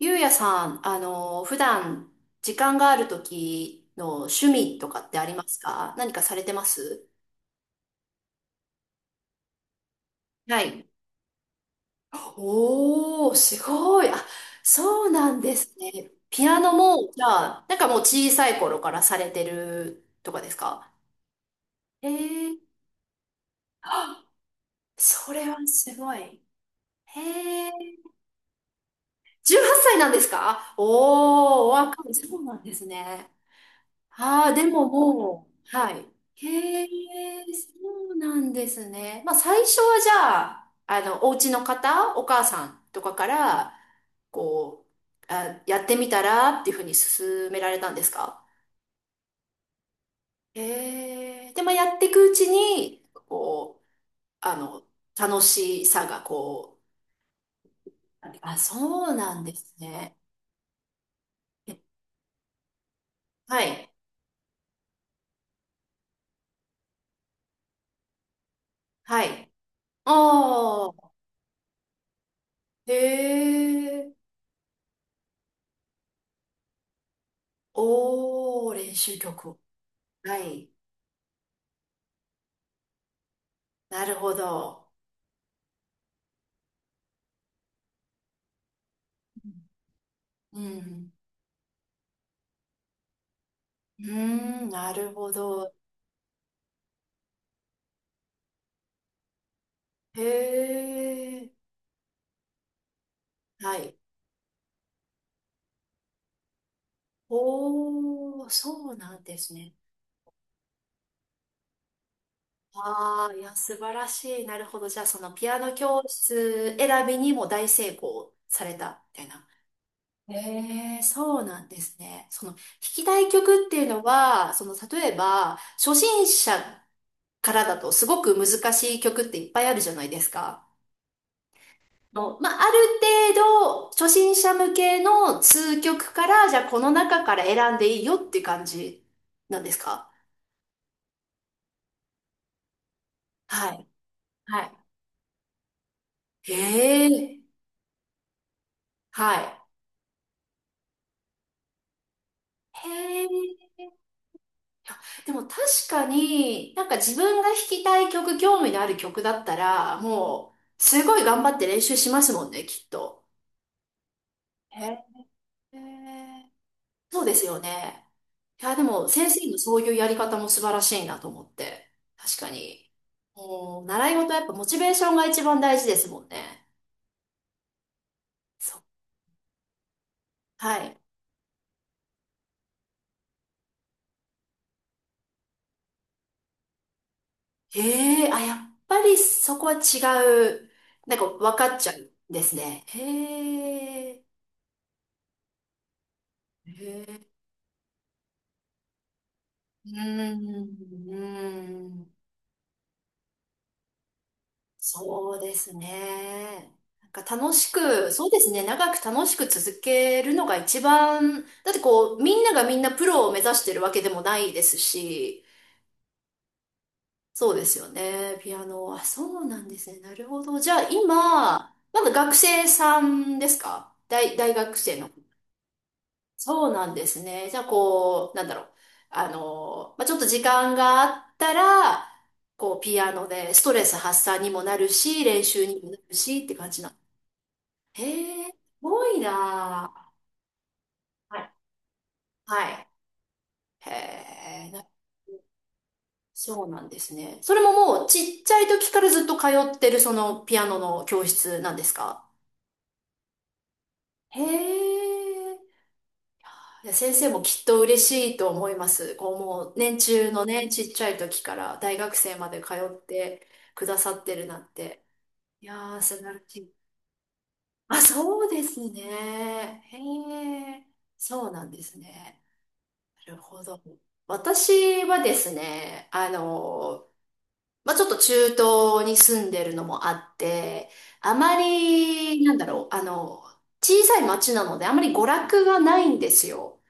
ゆうやさん、普段時間がある時の趣味とかってありますか？何かされてます？はい。おー、すごい。あ、そうなんですね。ピアノも、じゃあ、なんかもう小さい頃からされてるとかですか？えー、あ、それはすごい。へえ、18歳なんですか？おー、お若い。そうなんですね。ああ、でももう、はい。へえ、そうなんですね。まあ、最初はじゃあ、お家の方、お母さんとかから、こう、あ、やってみたらっていうふうに勧められたんですか？へえ、で、まあ、やっていくうちに、こう、あの、楽しさがこう、あ、そうなんですね。え、はい、はい。ああ、へえ、おー、練習曲。はい。なるほど。うん。うーん、なるほど。へえ。はい。おー、そうなんですね。ああ、いや、素晴らしい。なるほど。じゃあ、そのピアノ教室選びにも大成功されたみたいな。ええ、そうなんですね。その、弾きたい曲っていうのは、その、例えば、初心者からだとすごく難しい曲っていっぱいあるじゃないですか。の、まあ、ある程度、初心者向けの数曲から、じゃあこの中から選んでいいよっていう感じなんですか？はい。はい。へえ。はい。へえ。でも確かに、なんか自分が弾きたい曲、興味のある曲だったら、もう、すごい頑張って練習しますもんね、きっと。へえ。そうですよね。いや、でも先生のそういうやり方も素晴らしいなと思って。確かに。もう、習い事はやっぱモチベーションが一番大事ですもんね。そう。はい。へえ、あ、やっぱりそこは違う。なんか分かっちゃうんですね。へえ。へえ。うーん、うーん。そうですね。なんか楽しく、そうですね。長く楽しく続けるのが一番、だってこう、みんながみんなプロを目指してるわけでもないですし、そうですよね。ピアノ。あ、そうなんですね。なるほど。じゃあ今、まだ学生さんですか？大学生の。そうなんですね。じゃあこう、なんだろう。まあ、ちょっと時間があったら、こう、ピアノでストレス発散にもなるし、練習にもなるしって感じな。へえ、すごいなあ。はい。はい。へえ、そうなんですね。それももうちっちゃい時からずっと通ってるそのピアノの教室なんですか？へえ。いや先生もきっと嬉しいと思います。こうもう年中のね、ちっちゃい時から大学生まで通ってくださってるなんて。いやー、素晴らしい。あ、そうですね。へえ。そうなんですね。なるほど。私はですね、まあ、ちょっと中東に住んでるのもあって、あまり、なんだろう、小さい町なのであまり娯楽がないんですよ。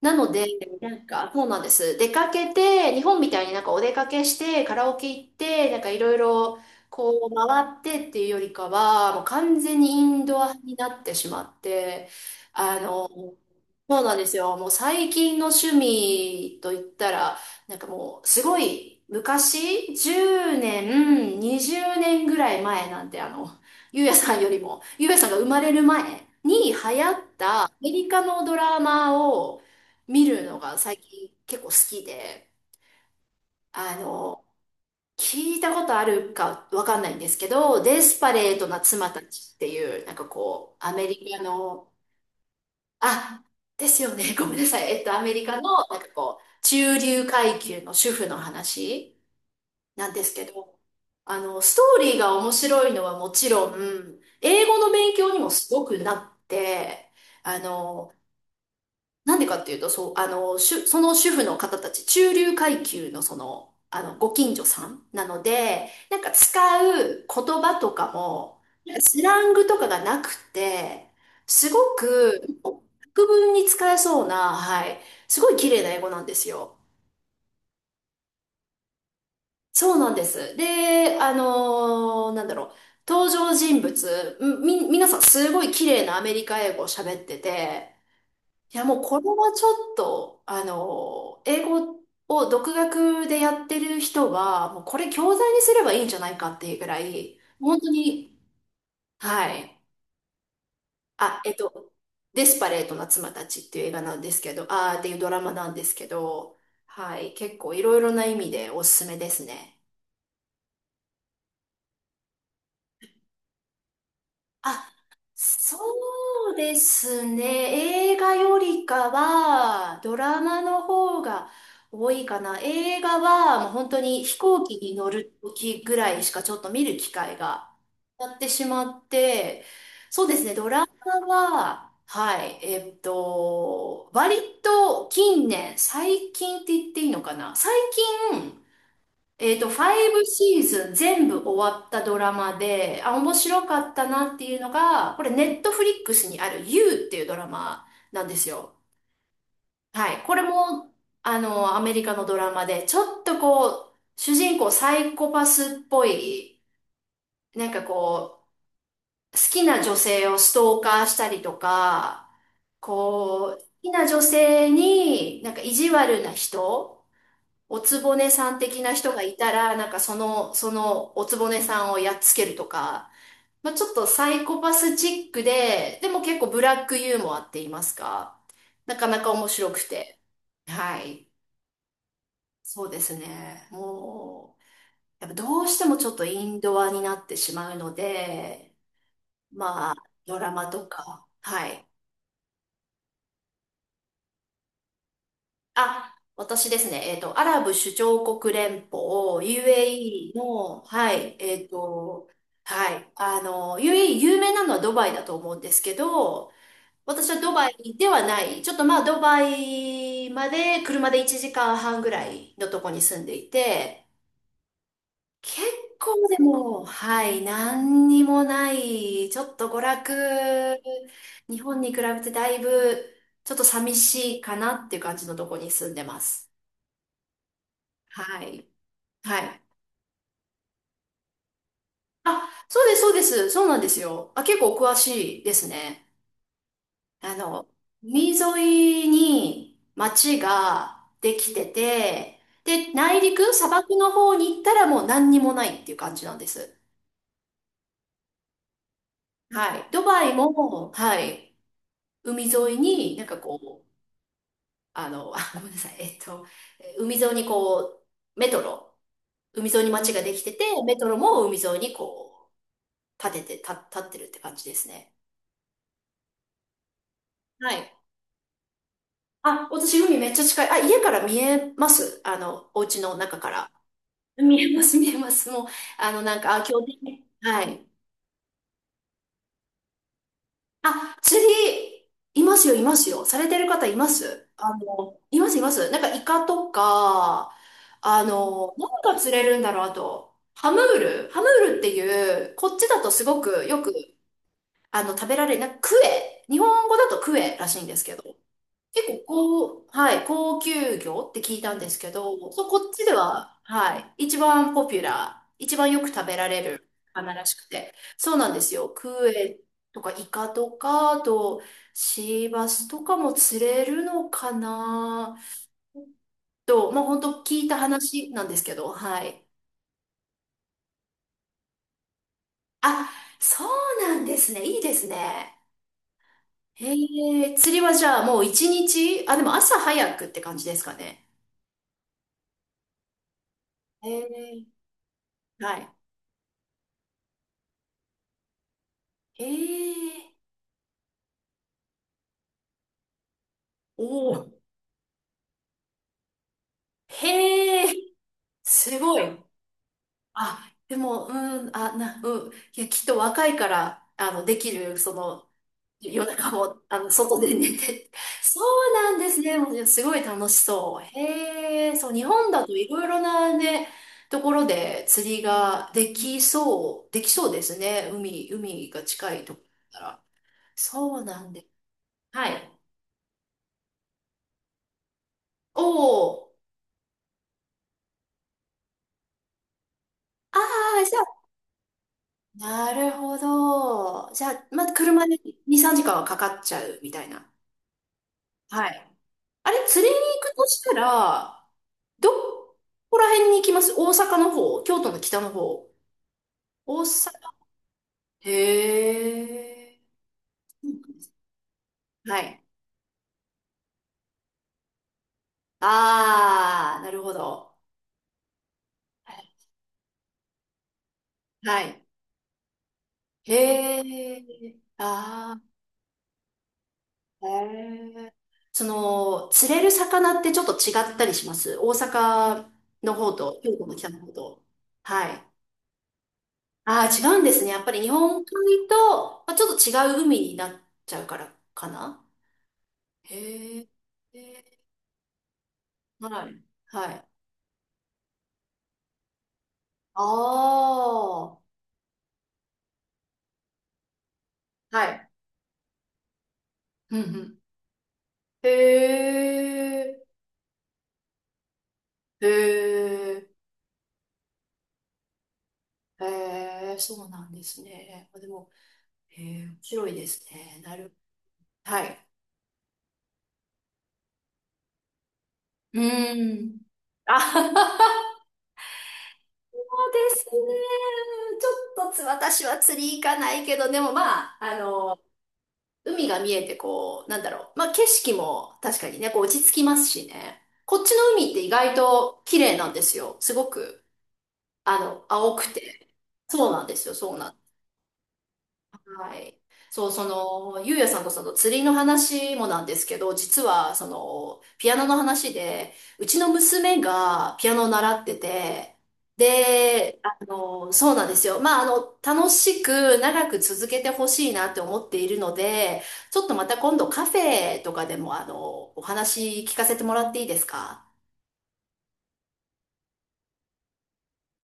なので、なんか、そうなんです。出かけて、日本みたいになんかお出かけして、カラオケ行って、なんかいろいろこう回ってっていうよりかは、もう完全にインドアになってしまって、そうなんですよ。もう最近の趣味といったら、なんかもうすごい昔、10年、20年ぐらい前なんで、ゆうやさんよりも、ゆうやさんが生まれる前に流行ったアメリカのドラマを、見るのが最近結構好きで、あの、聞いたことあるかわかんないんですけど、デスパレートな妻たちっていう、なんかこう、アメリカの、あ、ですよね、ごめんなさい。アメリカの、なんかこう、中流階級の主婦の話なんですけど、ストーリーが面白いのはもちろん、英語の勉強にもすごくなって、あの、なんでかっていうと、そう、その主婦の方たち、中流階級のその、ご近所さんなので、なんか使う言葉とかも、なんかスラングとかがなくて、すごく、国文に使えそうな、はい、すごい綺麗な英語なんですよ。そうなんです。で、なんだろう、登場人物、皆さんすごい綺麗なアメリカ英語を喋ってて、いや、もうこれはちょっと、英語を独学でやってる人は、もうこれ教材にすればいいんじゃないかっていうぐらい、本当に、はい。あ、デスパレートな妻たちっていう映画なんですけど、っていうドラマなんですけど、はい。結構いろいろな意味でおすすめですね。あ、そうですね。映画よりかは、ドラマの方が多いかな。映画は、もう本当に飛行機に乗る時ぐらいしかちょっと見る機会がやってしまって、そうですね。ドラマは、はい、割と近年、最近って言っていいのかな。最近、ファイブシーズン全部終わったドラマで、あ、面白かったなっていうのが、これネットフリックスにある You っていうドラマなんですよ。はい。これも、アメリカのドラマで、ちょっとこう、主人公サイコパスっぽい、なんかこう、好きな女性をストーカーしたりとか、こう、好きな女性になんか意地悪な人、おつぼねさん的な人がいたら、なんかその、そのおつぼねさんをやっつけるとか、まあ、ちょっとサイコパスチックで、でも結構ブラックユーモアって言いますか、なかなか面白くて。はい。そうですね。もう、やっぱどうしてもちょっとインドアになってしまうので、まあ、ドラマとか、はい。あ、私ですね、アラブ首長国連邦、UAE の、はい、はい、UAE 有名なのはドバイだと思うんですけど、私はドバイではない、ちょっとまあドバイまで車で1時間半ぐらいのとこに住んでいて、結構でも、はい、何にもない、ちょっと娯楽、日本に比べてだいぶ、ちょっと寂しいかなっていう感じのとこに住んでます。はい。はい。あ、そうです、そうです。そうなんですよ。あ、結構お詳しいですね。あの、海沿いに町ができてて、で、内陸、砂漠の方に行ったらもう何にもないっていう感じなんです。はい。ドバイも、はい。海沿いになんかこう、あ、ごめんなさい。海沿いにこう、メトロ、海沿いに町ができてて、メトロも海沿いにこう、建ってるって感じですね。はい。あ、私海めっちゃ近い。あ、家から見えます、お家の中から。見えます、見えます。もう、なんか、あ、今日天気はい。あ、釣り、いますよ、いますよ。されてる方います。います、います。なんか、イカとか、何が釣れるんだろう、あと、ハムール。ハムールっていう、こっちだとすごくよく、食べられる、なんか、クエ。日本語だとクエらしいんですけど。結構、はい、高級魚って聞いたんですけど、そう、こっちでは、はい、一番ポピュラー、一番よく食べられる魚らしくて、そうなんですよ。クエとかイカとか、あとシーバスとかも釣れるのかなと、まあ本当聞いた話なんですけど、はい。あ、そうなんですね。いいですね。へえ、釣りはじゃあもう一日、あ、でも朝早くって感じですかね？へえ、はい。へえ。おお、へえ、すごい。あ、でも、うん、あ、うん、いや、きっと若いから、できる、その、夜中も、外で寝て。そうなんですね。もう、すごい楽しそう。へえ、そう、日本だといろいろなね、ところで釣りができそう、できそうですね。海が近いところだったら。そうなんで。はい。おお、ああ、じゃあなるほど。じゃあ、まあ、車で2、3時間はかかっちゃうみたいな。はい。あれ、釣りに行くとしたら、どこら辺に行きます？大阪の方、京都の北の方？大阪、へえ。はい。ああ、なるほど。はい。へえ。ああ、へえ。その、釣れる魚ってちょっと違ったりします？大阪の方と京都の北の方と。はい。ああ、違うんですね。やっぱり日本海と、まあ、ちょっと違う海になっちゃうからかな。へえ。ーはい。はい。ああ。はい。うんうん。へえ。へえ。へえ。そうなんですね。でも、へえ、面白いですね。なる。はい。うん。あはは、そうですね。ちょっとつ、私は釣り行かないけど、でもまあ、あの海が見えてこう、なんだろう。まあ、景色も確かにね、こう落ち着きますしね。こっちの海って意外と綺麗なんですよ。すごく、青くて。そうなんですよ、そうなんですよ。はい。そう、その、ゆうやさんとその釣りの話もなんですけど、実はその、ピアノの話で、うちの娘がピアノを習ってて、で、そうなんですよ。まあ、楽しく長く続けてほしいなって思っているので、ちょっとまた今度カフェとかでも、お話聞かせてもらっていいですか？